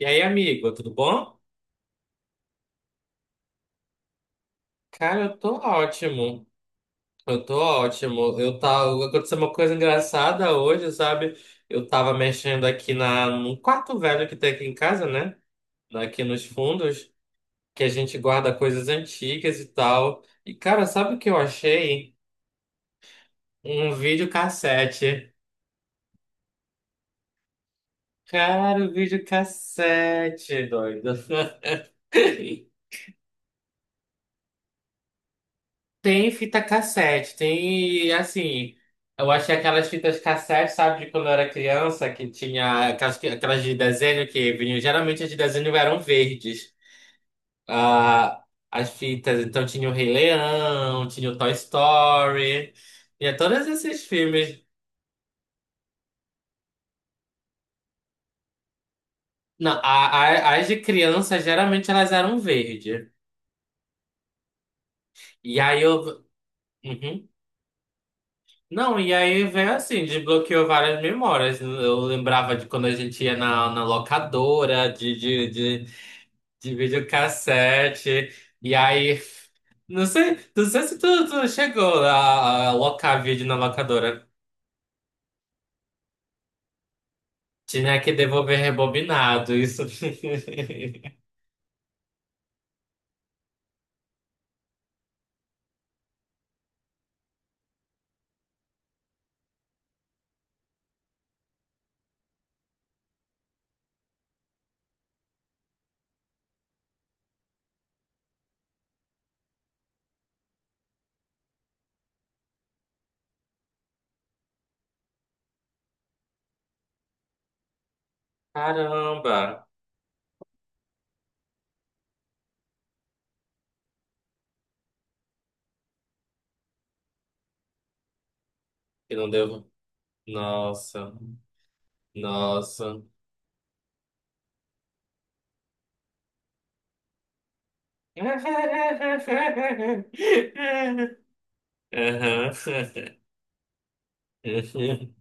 E aí, amigo, tudo bom? Cara, eu tô ótimo. Eu tô ótimo. Eu tava... aconteceu uma coisa engraçada hoje, sabe? Eu tava mexendo aqui na... num quarto velho que tem aqui em casa, né? Aqui nos fundos, que a gente guarda coisas antigas e tal. E, cara, sabe o que eu achei? Um videocassete. Cara, o videocassete, doido. Tem fita cassete, tem assim. Eu achei aquelas fitas cassete, sabe, de quando eu era criança, que tinha aquelas, que- aquelas de desenho que vinham. Geralmente as de desenho eram verdes. Ah, as fitas, então tinha o Rei Leão, tinha o Toy Story, tinha todos esses filmes. Não, a- as de criança geralmente elas eram verde. E aí eu. Uhum. Não, e aí vem assim, desbloqueou várias memórias. Eu lembrava de quando a gente ia na locadora de videocassete. E aí, não sei, não sei se tu, tu chegou a locar vídeo na locadora. Tinha que devolver rebobinado, isso. Caramba, que não devo. Nossa, nossa. Aham.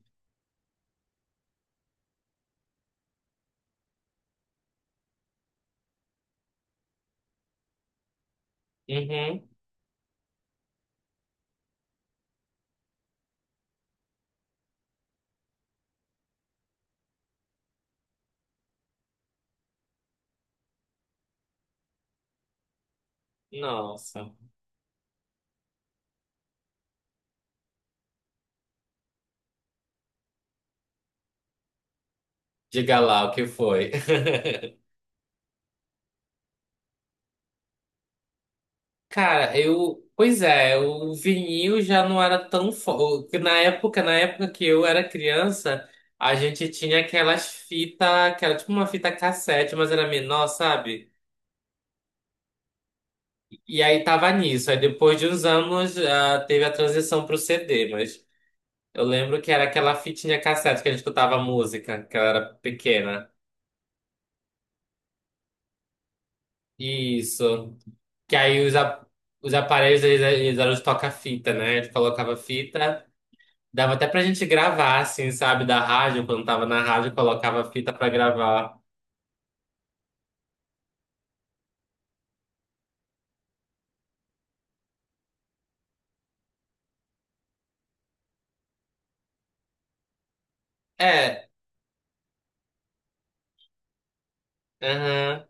Uhum. Nossa. Diga lá o que foi. Cara, eu. Pois é, o vinil já não era tão forte. Na época que eu era criança, a gente tinha aquelas fitas, que era tipo uma fita cassete, mas era menor, sabe? E aí tava nisso. Aí depois de uns anos, ah, teve a transição pro CD, mas eu lembro que era aquela fitinha cassete que a gente escutava música, que ela era pequena. Isso. Que aí os, a- os aparelhos, eles eram os toca-fita, né? Ele colocava fita, dava até pra gente gravar, assim, sabe? Da rádio, quando tava na rádio, colocava fita pra gravar. É, aham,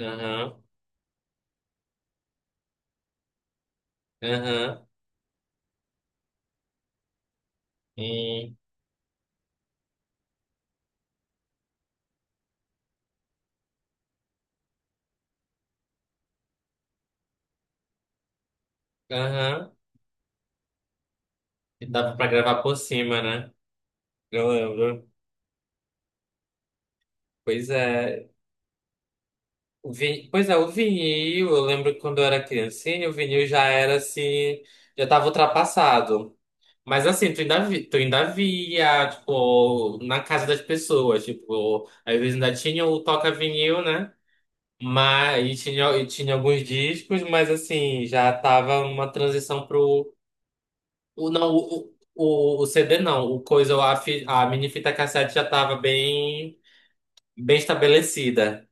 aham, aham, hum, aham. E dava pra gravar por cima, né? Eu lembro. Pois é. O vi... pois é, o vinil, eu lembro que quando eu era criancinha, o vinil já era assim, já tava ultrapassado. Mas assim, tu ainda, vi- tu ainda via, tipo, na casa das pessoas, tipo, às vezes ainda tinha o toca-vinil, né? Mas, e tinha alguns discos, mas assim, já tava uma transição pro... O, não, o CD não, o coisa, a, fi- a mini fita cassete já tava bem, bem estabelecida.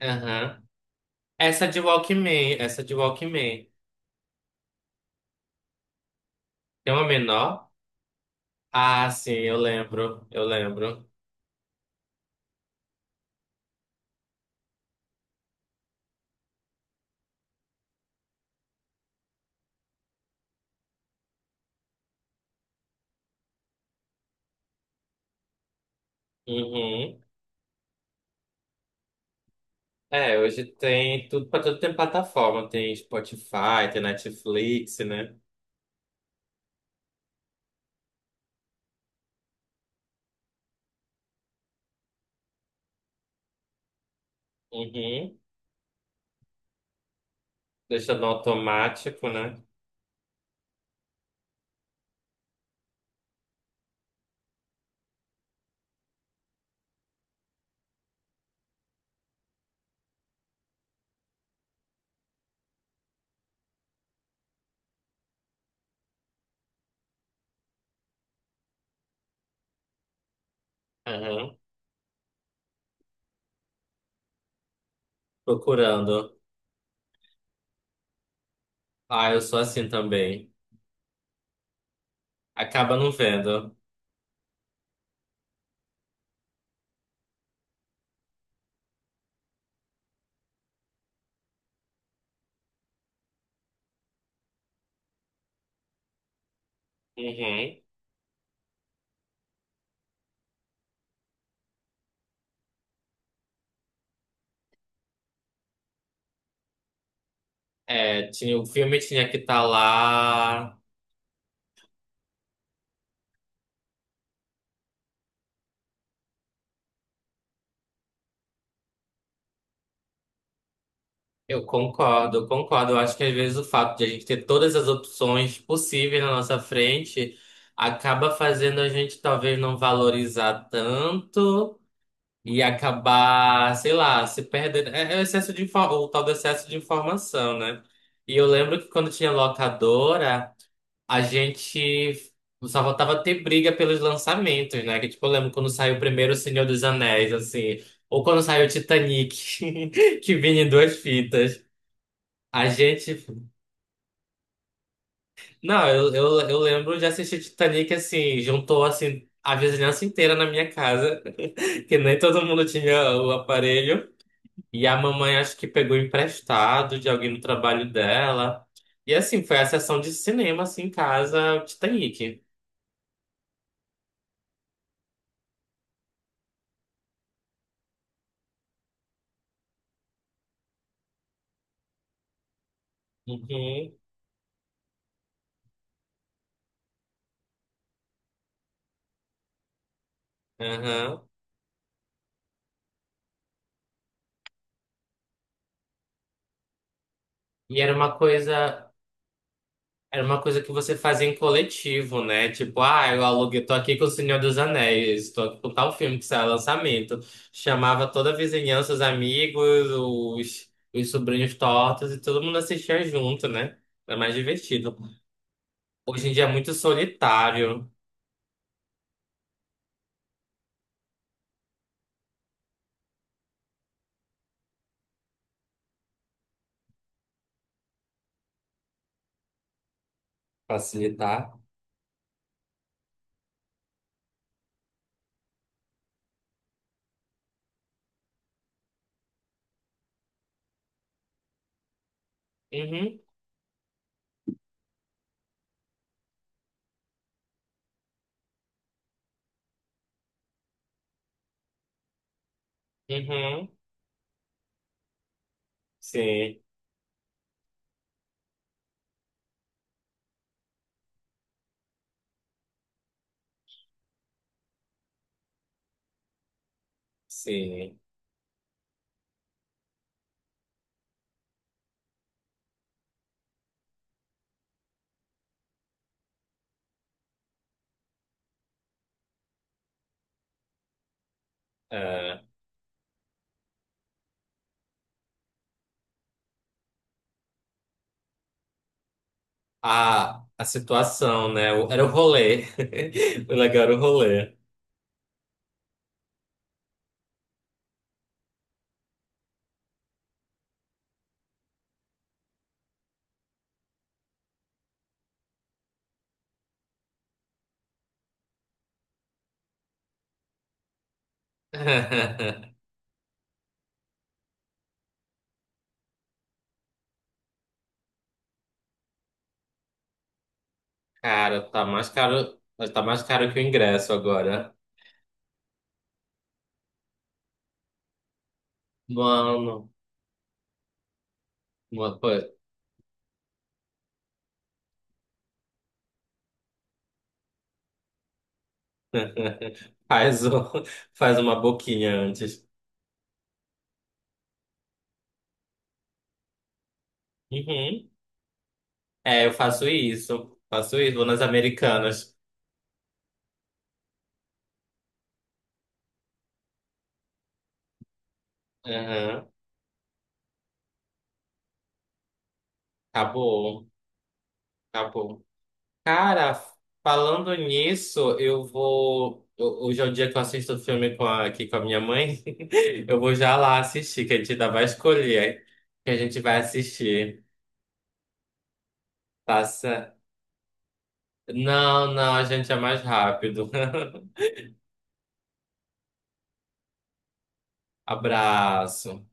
Aham. Essa de Walkman, essa de Walkman. Tem uma menor? Ah, sim, eu lembro, eu lembro. Uhum. É, hoje tem tudo para tudo tem plataforma, tem Spotify, tem Netflix, né? Uhum. Deixa no automático, né? Uhum. Procurando. Ah, eu sou assim também. Acaba não vendo. Uhum. É, tinha, o filme tinha que estar lá. Eu concordo, eu concordo. Eu acho que às vezes o fato de a gente ter todas as opções possíveis na nossa frente acaba fazendo a gente talvez não valorizar tanto. E acabar, sei lá, se perdendo. É, é o excesso de, info- o tal do excesso de informação, né? E eu lembro que quando tinha locadora, a gente só voltava a ter briga pelos lançamentos, né? Que tipo, eu lembro quando saiu primeiro O Senhor dos Anéis, assim, ou quando saiu Titanic, que vinha em duas fitas. A gente. Não, eu lembro de assistir Titanic assim, juntou assim a vizinhança inteira na minha casa, que nem todo mundo tinha o aparelho. E a mamãe acho que pegou emprestado de alguém no trabalho dela. E assim, foi a sessão de cinema, assim, em casa, Titanic. Uhum, aham. E era uma coisa que você fazia em coletivo, né? Tipo, ah, eu aluguei, tô aqui com o Senhor dos Anéis, tô aqui com tal filme que saiu lançamento. Chamava toda a vizinhança, os amigos, os sobrinhos tortos, e todo mundo assistia junto, né? Era mais divertido. Hoje em dia é muito solitário. Facilitar. Uhum. Uhum. Sim, sim. É, a situação, né? O- era o rolê. O legal era o rolê. Cara, tá mais caro, mas tá mais caro que o ingresso agora. Mano, uma coisa. Faz, um- faz uma boquinha antes. Uhum. É, eu faço isso. Faço isso, vou nas Americanas. Uhum. Acabou, acabou. Cara, falando nisso, eu vou. Ho- hoje é o dia que eu assisto o filme com a- aqui com a minha mãe. Eu vou já lá assistir, que a gente ainda vai escolher que a gente vai assistir. Passa. Não, não, a gente é mais rápido. Abraço.